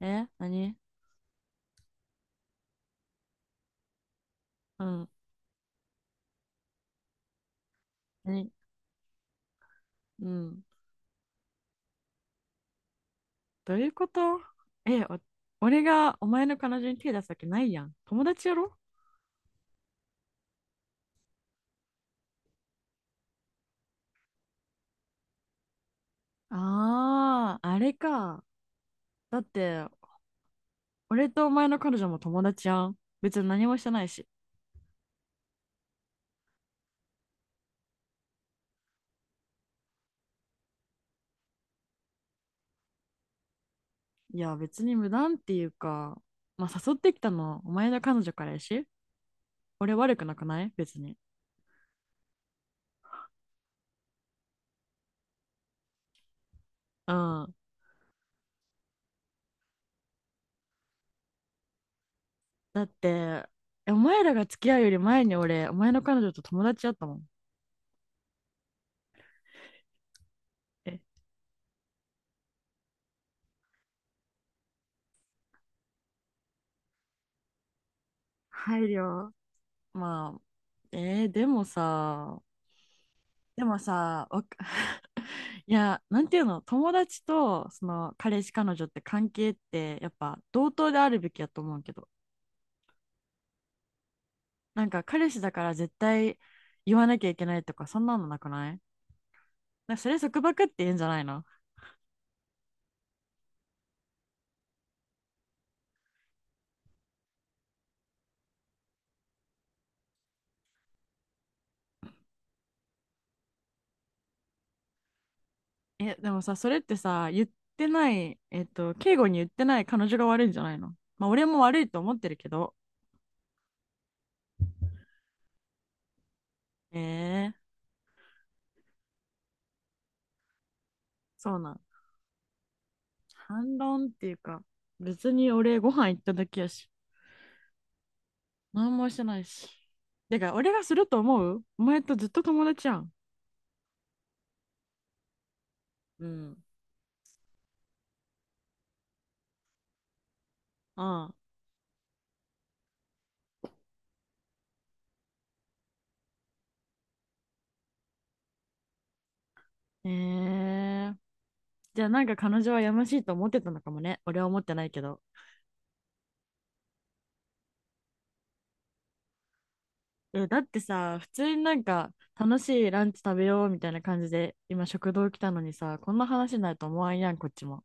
え？何？うん。何？うん。どういうこと？え、俺がお前の彼女に手出すわけないやん。友達やろ？ああー、あれか。だって、俺とお前の彼女も友達やん。別に何もしてないし。いや、別に無断っていうか、まあ、誘ってきたのお前の彼女からやし。俺悪くなくない別に。うん。だって、お前らが付き合うより前に俺、お前の彼女と友達やったもん。え、配慮。まあ、でもさ、でもさ、わか いや、なんていうの、友達とその彼氏、彼女って関係ってやっぱ同等であるべきやと思うけど、なんか彼氏だから絶対言わなきゃいけないとか、そんなのなくない？なんかそれ束縛って言うんじゃないの？え、でもさ、それってさ、言ってない、えっと、敬語に言ってない彼女が悪いんじゃないの？まあ、俺も悪いと思ってるけど。えー、そうなん。反論っていうか、別に俺ご飯行っただけやし。何もしてないし。てか、俺がすると思う？お前とずっと友達やん。うん。ああ。えー。じゃあなんか彼女はやましいと思ってたのかもね。俺は思ってないけど。え、だってさ、普通になんか楽しいランチ食べようみたいな感じで、今食堂来たのにさ、こんな話になると思わんやん、こっちも。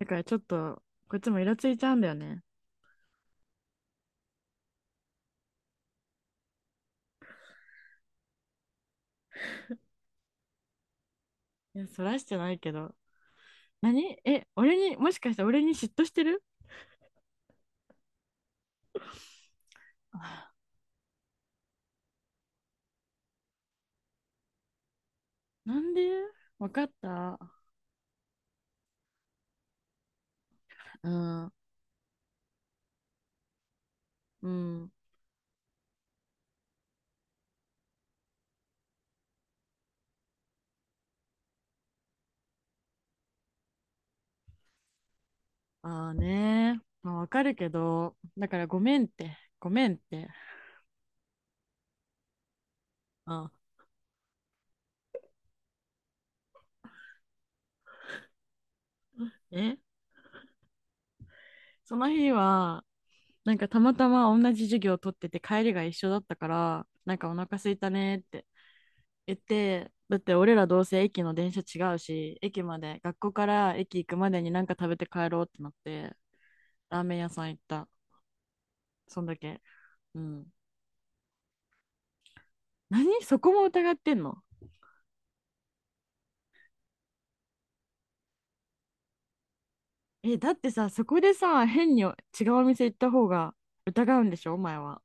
だからちょっと、こっちもイラついちゃうんだよね。いや、そらしてないけど。何？俺に、もしかして俺に嫉妬してる？あ なんで？わかった。うん。うん。ああね。まあ、わかるけど、だからごめんって、ごめんって。あ、えその日は、なんかたまたま同じ授業を取ってて帰りが一緒だったから、なんかお腹空いたねって言って、だって俺らどうせ駅の電車違うし、駅まで、学校から駅行くまでになんか食べて帰ろうってなって、ラーメン屋さん行った。そんだけ。うん。何？そこも疑ってんの？え、だってさ、そこでさ、変に違うお店行った方が疑うんでしょ？お前は。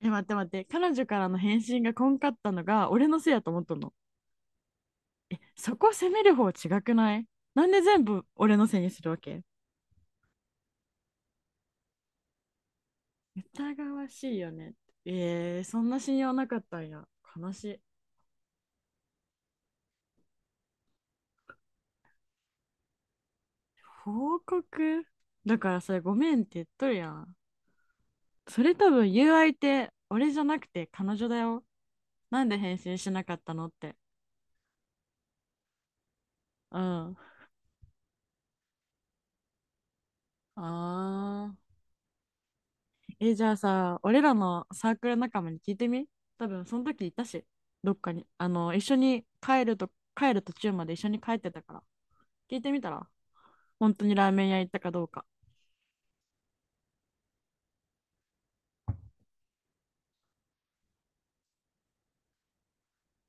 え、待って待って。彼女からの返信がこんかったのが俺のせいやと思っとんの？え、そこ責める方違くない？なんで全部俺のせいにするわけ？疑わしいよね。そんな信用なかったんや。悲しい。報告？だからそれごめんって言っとるやん。それ多分言う相手、俺じゃなくて彼女だよ。なんで返信しなかったのって。うん。あー。え、じゃあさ、俺らのサークル仲間に聞いてみ？多分その時いたし、どっかに。一緒に帰ると、帰る途中まで一緒に帰ってたから。聞いてみたら本当にラーメン屋行ったかどうか。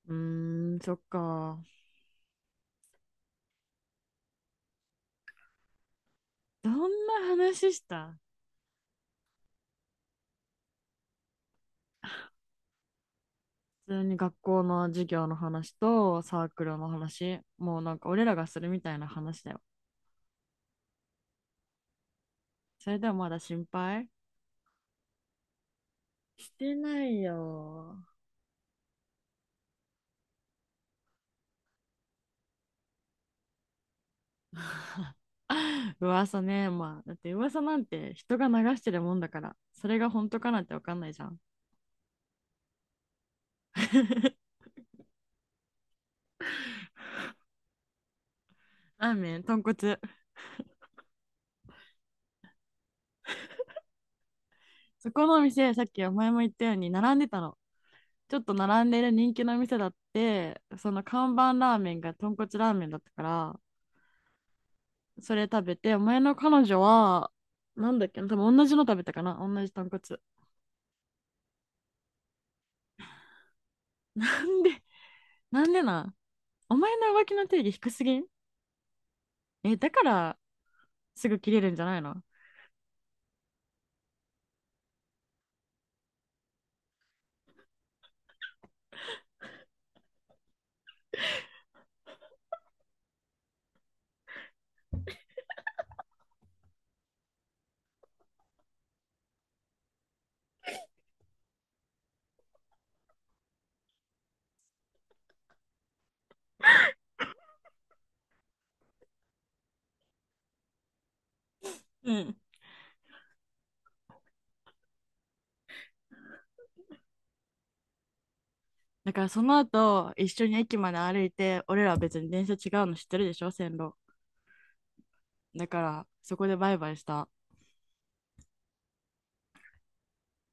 うーん、そっか。どんな話した？普通に学校の授業の話とサークルの話。もうなんか俺らがするみたいな話だよ。それでもまだ心配？してないよ。噂ね、まあ、だって噂なんて人が流してるもんだから、それが本当かなんてわかんないじゃん。ラーメン、豚骨。そこのお店、さっきお前も言ったように並んでたの。ちょっと並んでる人気の店だって、その看板ラーメンが豚骨ラーメンだったから、それ食べて、お前の彼女は、なんだっけな、多分同じの食べたかな、同じ豚骨。なんでなん？お前の浮気の定義低すぎん？え、だからすぐ切れるんじゃないの？うん。だからその後、一緒に駅まで歩いて、俺らは別に電車違うの知ってるでしょ、線路。だから、そこでバイバイした。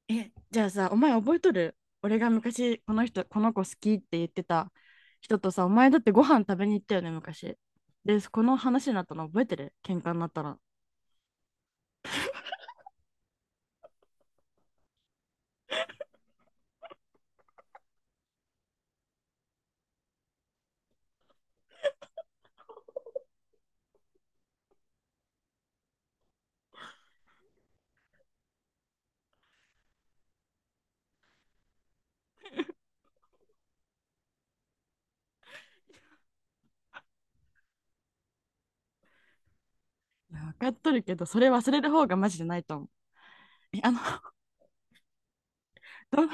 え、じゃあさ、お前覚えとる？俺が昔、この子好きって言ってた人とさ、お前だってご飯食べに行ったよね、昔。で、この話になったの覚えてる？喧嘩になったら。分かっとるけど、それ忘れる方がマジでないと思う。え、あの、どの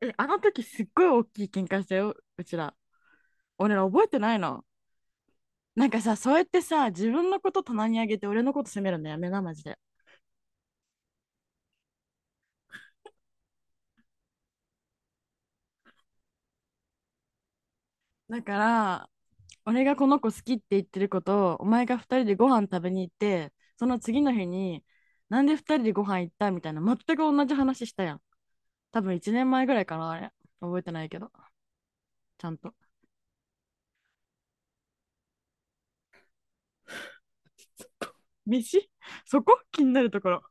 え、あの時すっごい大きい喧嘩したよ、うちら。俺ら覚えてないの？なんかさ、そうやってさ、自分のこと棚にあげて俺のこと責めるのやめな、マジで。だから、俺がこの子好きって言ってることを、お前が二人でご飯食べに行って、その次の日に、なんで二人でご飯行ったみたいな、全く同じ話したやん。多分一年前ぐらいかな、あれ。覚えてないけど、ちゃんと。飯？ そこ気になるところ。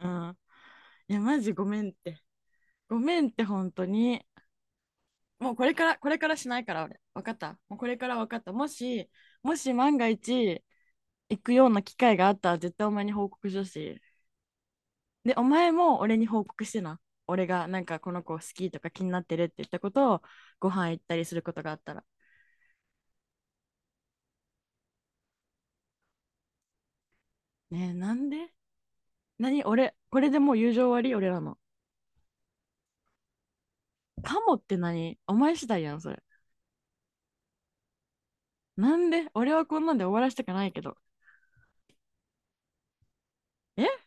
うん。いや、マジごめんって。ごめんって、本当に。もうこれからしないから、俺。わかった。もうこれから。わかった。もし万が一、行くような機会があったら絶対お前に報告しようし。で、お前も俺に報告してな。俺がなんかこの子好きとか気になってるって言ったことをご飯行ったりすることがあったら。ねえ、なんで？何？俺、これでもう友情終わり俺らの？かもって何？お前次第やん、それ。なんで俺はこんなんで終わらせたくないけど。え？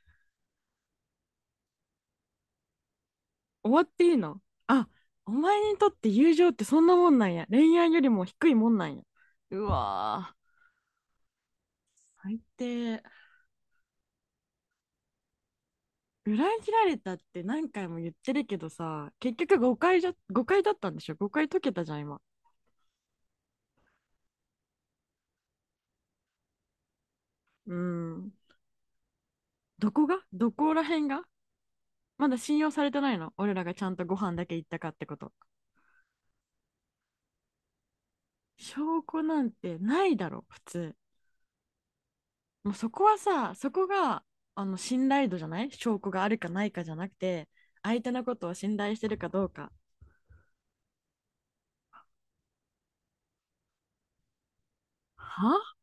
終わっていいの？あ、お前にとって友情ってそんなもんなんや。恋愛よりも低いもんなんや。うわぁ、最低。裏切られたって何回も言ってるけどさ、結局誤解だったんでしょ？誤解解けたじゃん、今。うーん。どこら辺が？まだ信用されてないの？俺らがちゃんとご飯だけ行ったかってこと？証拠なんてないだろ、普通。もうそこが、信頼度じゃない？証拠があるかないかじゃなくて、相手のことを信頼してるかどうか。は